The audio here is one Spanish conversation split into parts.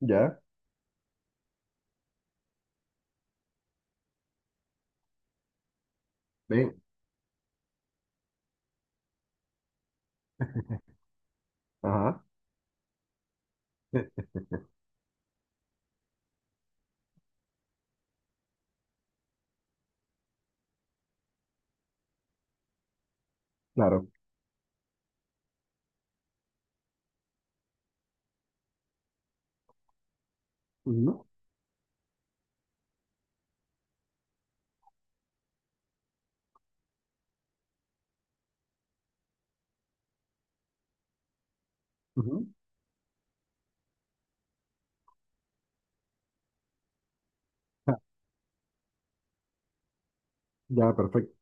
Ya, bien, ajá, eh, claro. Ujú, ujú, ja, ya, perfecto.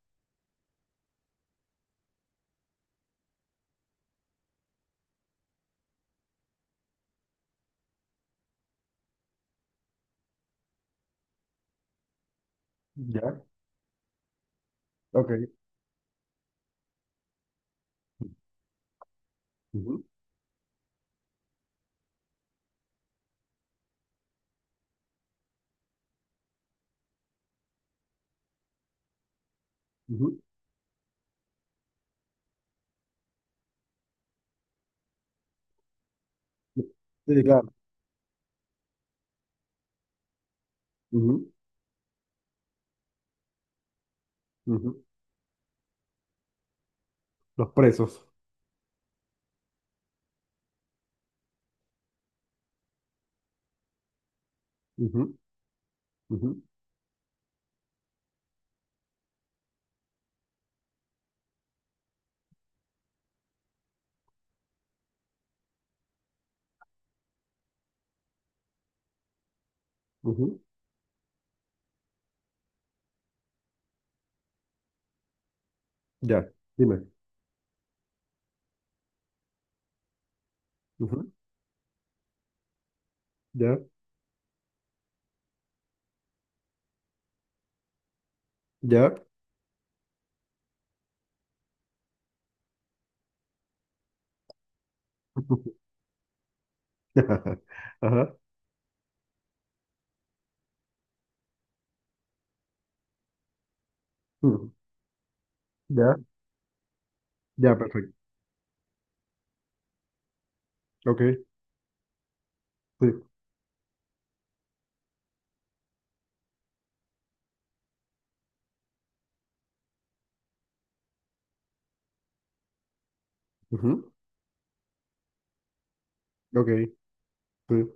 Ya, ok. Ujú, ujú, sí, claro. Ujú, ujú, los presos. Ujú, ujú, ujú, ya, dime. Ujú, ya, ya. Ajá. Ujú, ya, ya, perfecto. Ok, sí. Ujú, ok, sí.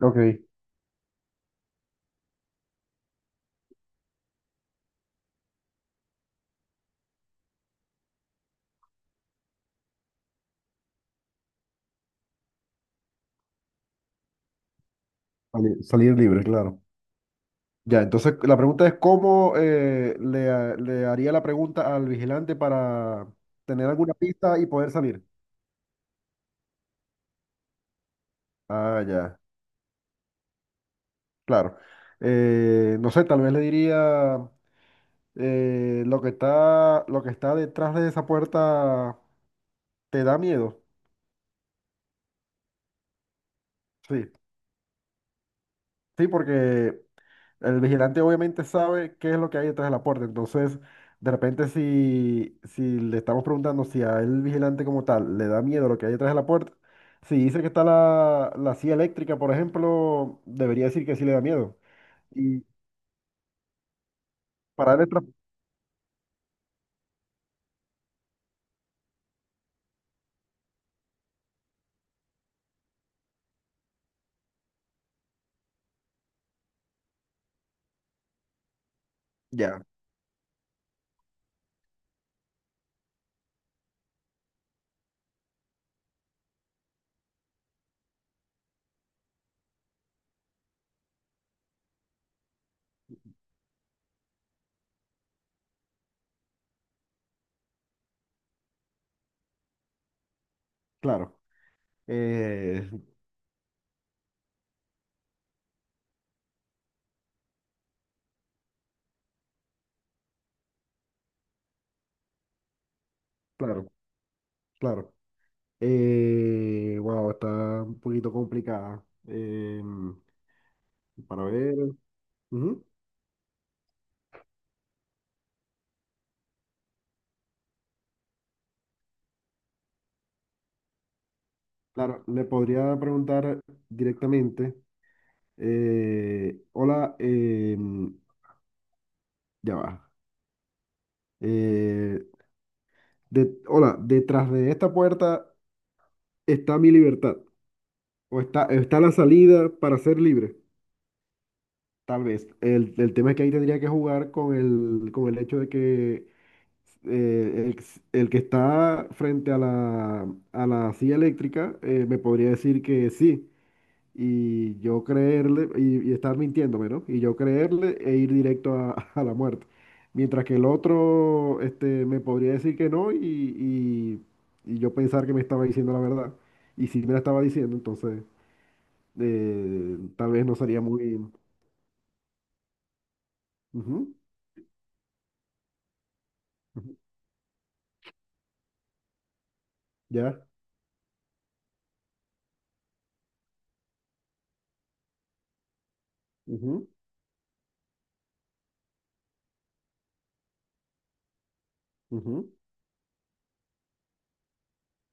Ok. Salir libre, claro. Ya, entonces la pregunta es cómo le haría la pregunta al vigilante para tener alguna pista y poder salir. Ah, ya, claro. No sé, tal vez le diría lo que está detrás de esa puerta te da miedo. Sí, sí, porque el vigilante obviamente sabe qué es lo que hay detrás de la puerta, entonces de repente si, si le estamos preguntando si a él, el vigilante como tal le da miedo lo que hay detrás de la puerta, si dice que está la silla eléctrica, por ejemplo, debería decir que sí le da miedo. Y para él es tra- Ya, claro, eh, claro, claro. Wow, está un poquito complicada. Em, para ver, ujú. Claro, le podría preguntar directamente. Hola, ya va. Eh, Hola, detrás de esta puerta está mi libertad. O está la salida para ser libre, tal vez. El tema es que ahí tendría que jugar con el hecho de que eh, el, el que está frente a la silla eléctrica me podría decir que sí. Y yo creerle y estar mintiéndome, ¿no? Y yo creerle e ir directo a, a la muerte. Mientras que el otro me podría decir que no y yo pensar que me estaba diciendo la verdad. Y si me la estaba diciendo, entonces tal vez no sería muy... Ujú, ujú, ya. Ujú, ujú,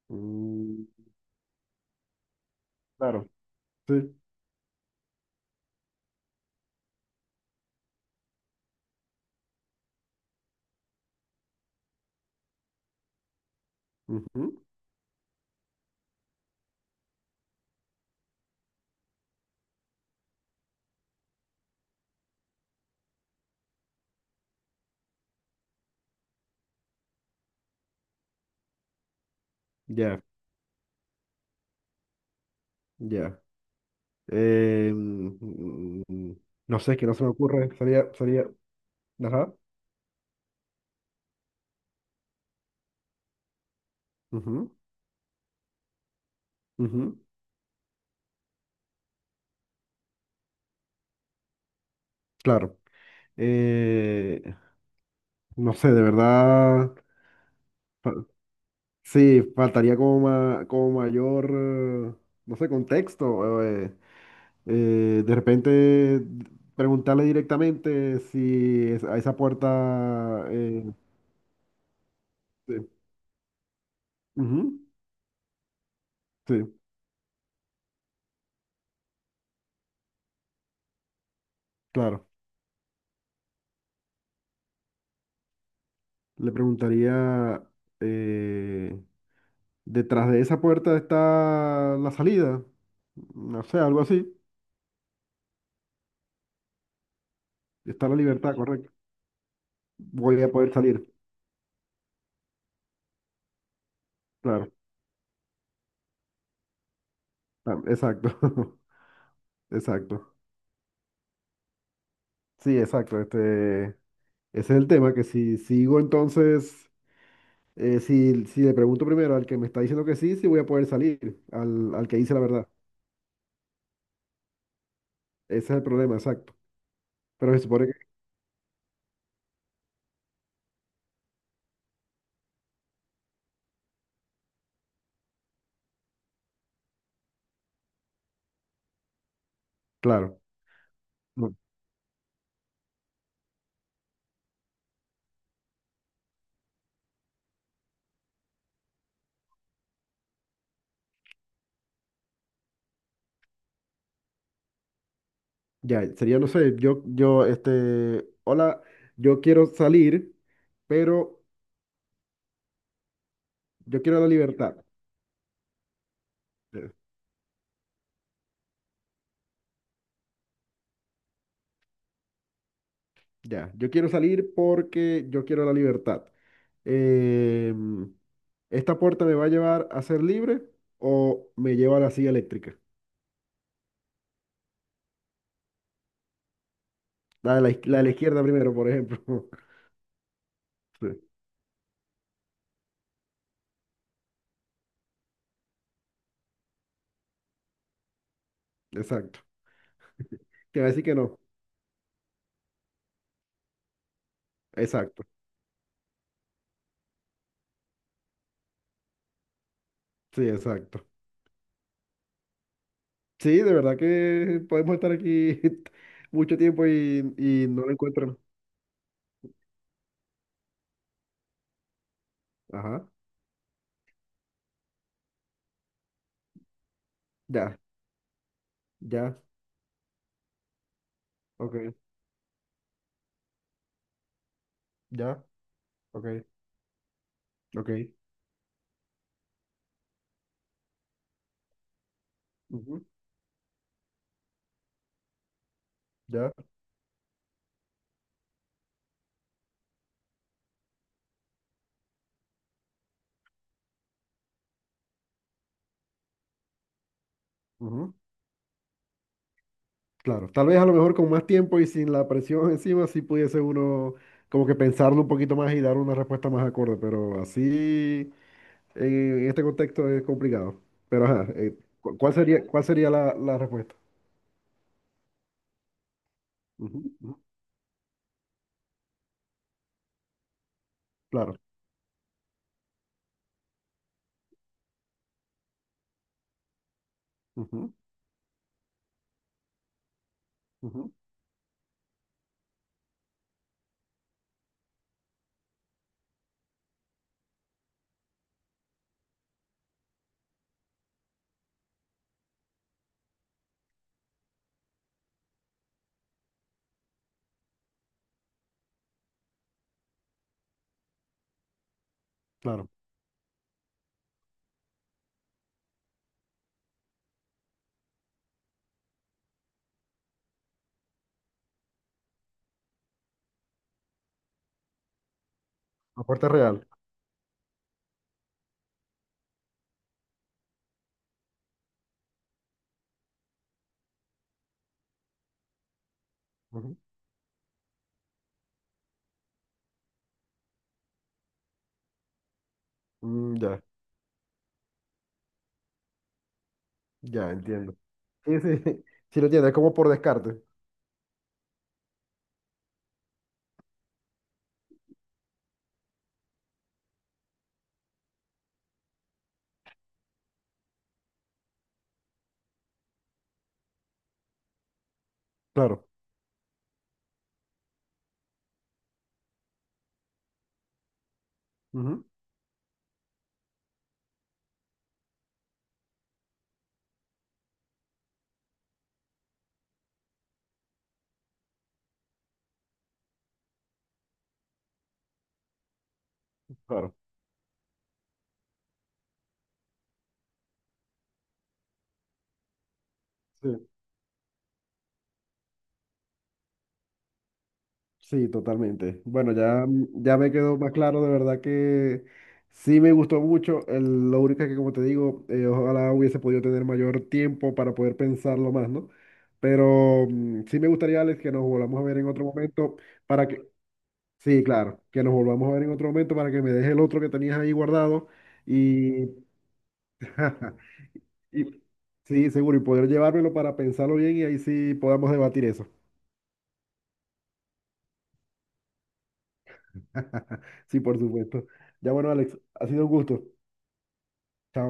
mm, claro. Sí. Ujú, ya, ya. Eh, mm, mm, no sé, que no se me ocurre. Sería. Ajá. Ujú, claro. Eh, no sé, de verdad, fa- sí, faltaría como, como mayor, no sé, contexto. De repente preguntarle directamente si es- a esa puerta... Sí, ujú, sí, claro. Le preguntaría, eh, ¿detrás de esa puerta está la salida? No sé, algo así. Está la libertad, correcto. Voy a poder salir, claro. Ah, exacto, exacto. Sí, exacto. Ese es el tema, que si sigo entonces, si, si le pregunto primero al que me está diciendo que sí, sí voy a poder salir, al que dice la verdad. Ese es el problema, exacto. Pero se supone que, claro, no, ya, sería, no sé, yo, hola, yo quiero salir, pero yo quiero la libertad. Eh, Ya, yo quiero salir porque yo quiero la libertad. eh, ¿Esta puerta me va a llevar a ser libre o me lleva a la silla eléctrica? La de la izquierda primero, por ejemplo. Sí, exacto. Te va a decir que no. Exacto. Sí, exacto. Sí, de verdad que podemos estar aquí mucho tiempo y no lo encuentran. Ajá. Ya, ya, ok, ya, ok, ok. Ujú, ya. Ujú. Claro, tal vez a lo mejor con más tiempo y sin la presión encima, sí pudiese uno como que pensarlo un poquito más y dar una respuesta más acorde, pero así en este contexto es complicado. Pero ajá, ¿cuál sería la respuesta? Ujú, ujú, claro, ujú, ujú, claro, aporte real. Ujú. Mm, ya, ya entiendo. Sí, sí, sí lo entiendo, es como por descarte. Claro, ujú, claro, sí. Sí, totalmente. Bueno, ya, ya me quedó más claro, de verdad que sí me gustó mucho. Lo único es que, como te digo, ojalá hubiese podido tener mayor tiempo para poder pensarlo más, ¿no? Pero sí me gustaría, Alex, que nos volvamos a ver en otro momento para que, sí, claro, que nos volvamos a ver en otro momento para que me dejes el otro que tenías ahí guardado y, y sí, seguro, y poder llevármelo para pensarlo bien y ahí sí podamos debatir eso. Sí, por supuesto. Ya bueno, Alex, ha sido un gusto. Chao.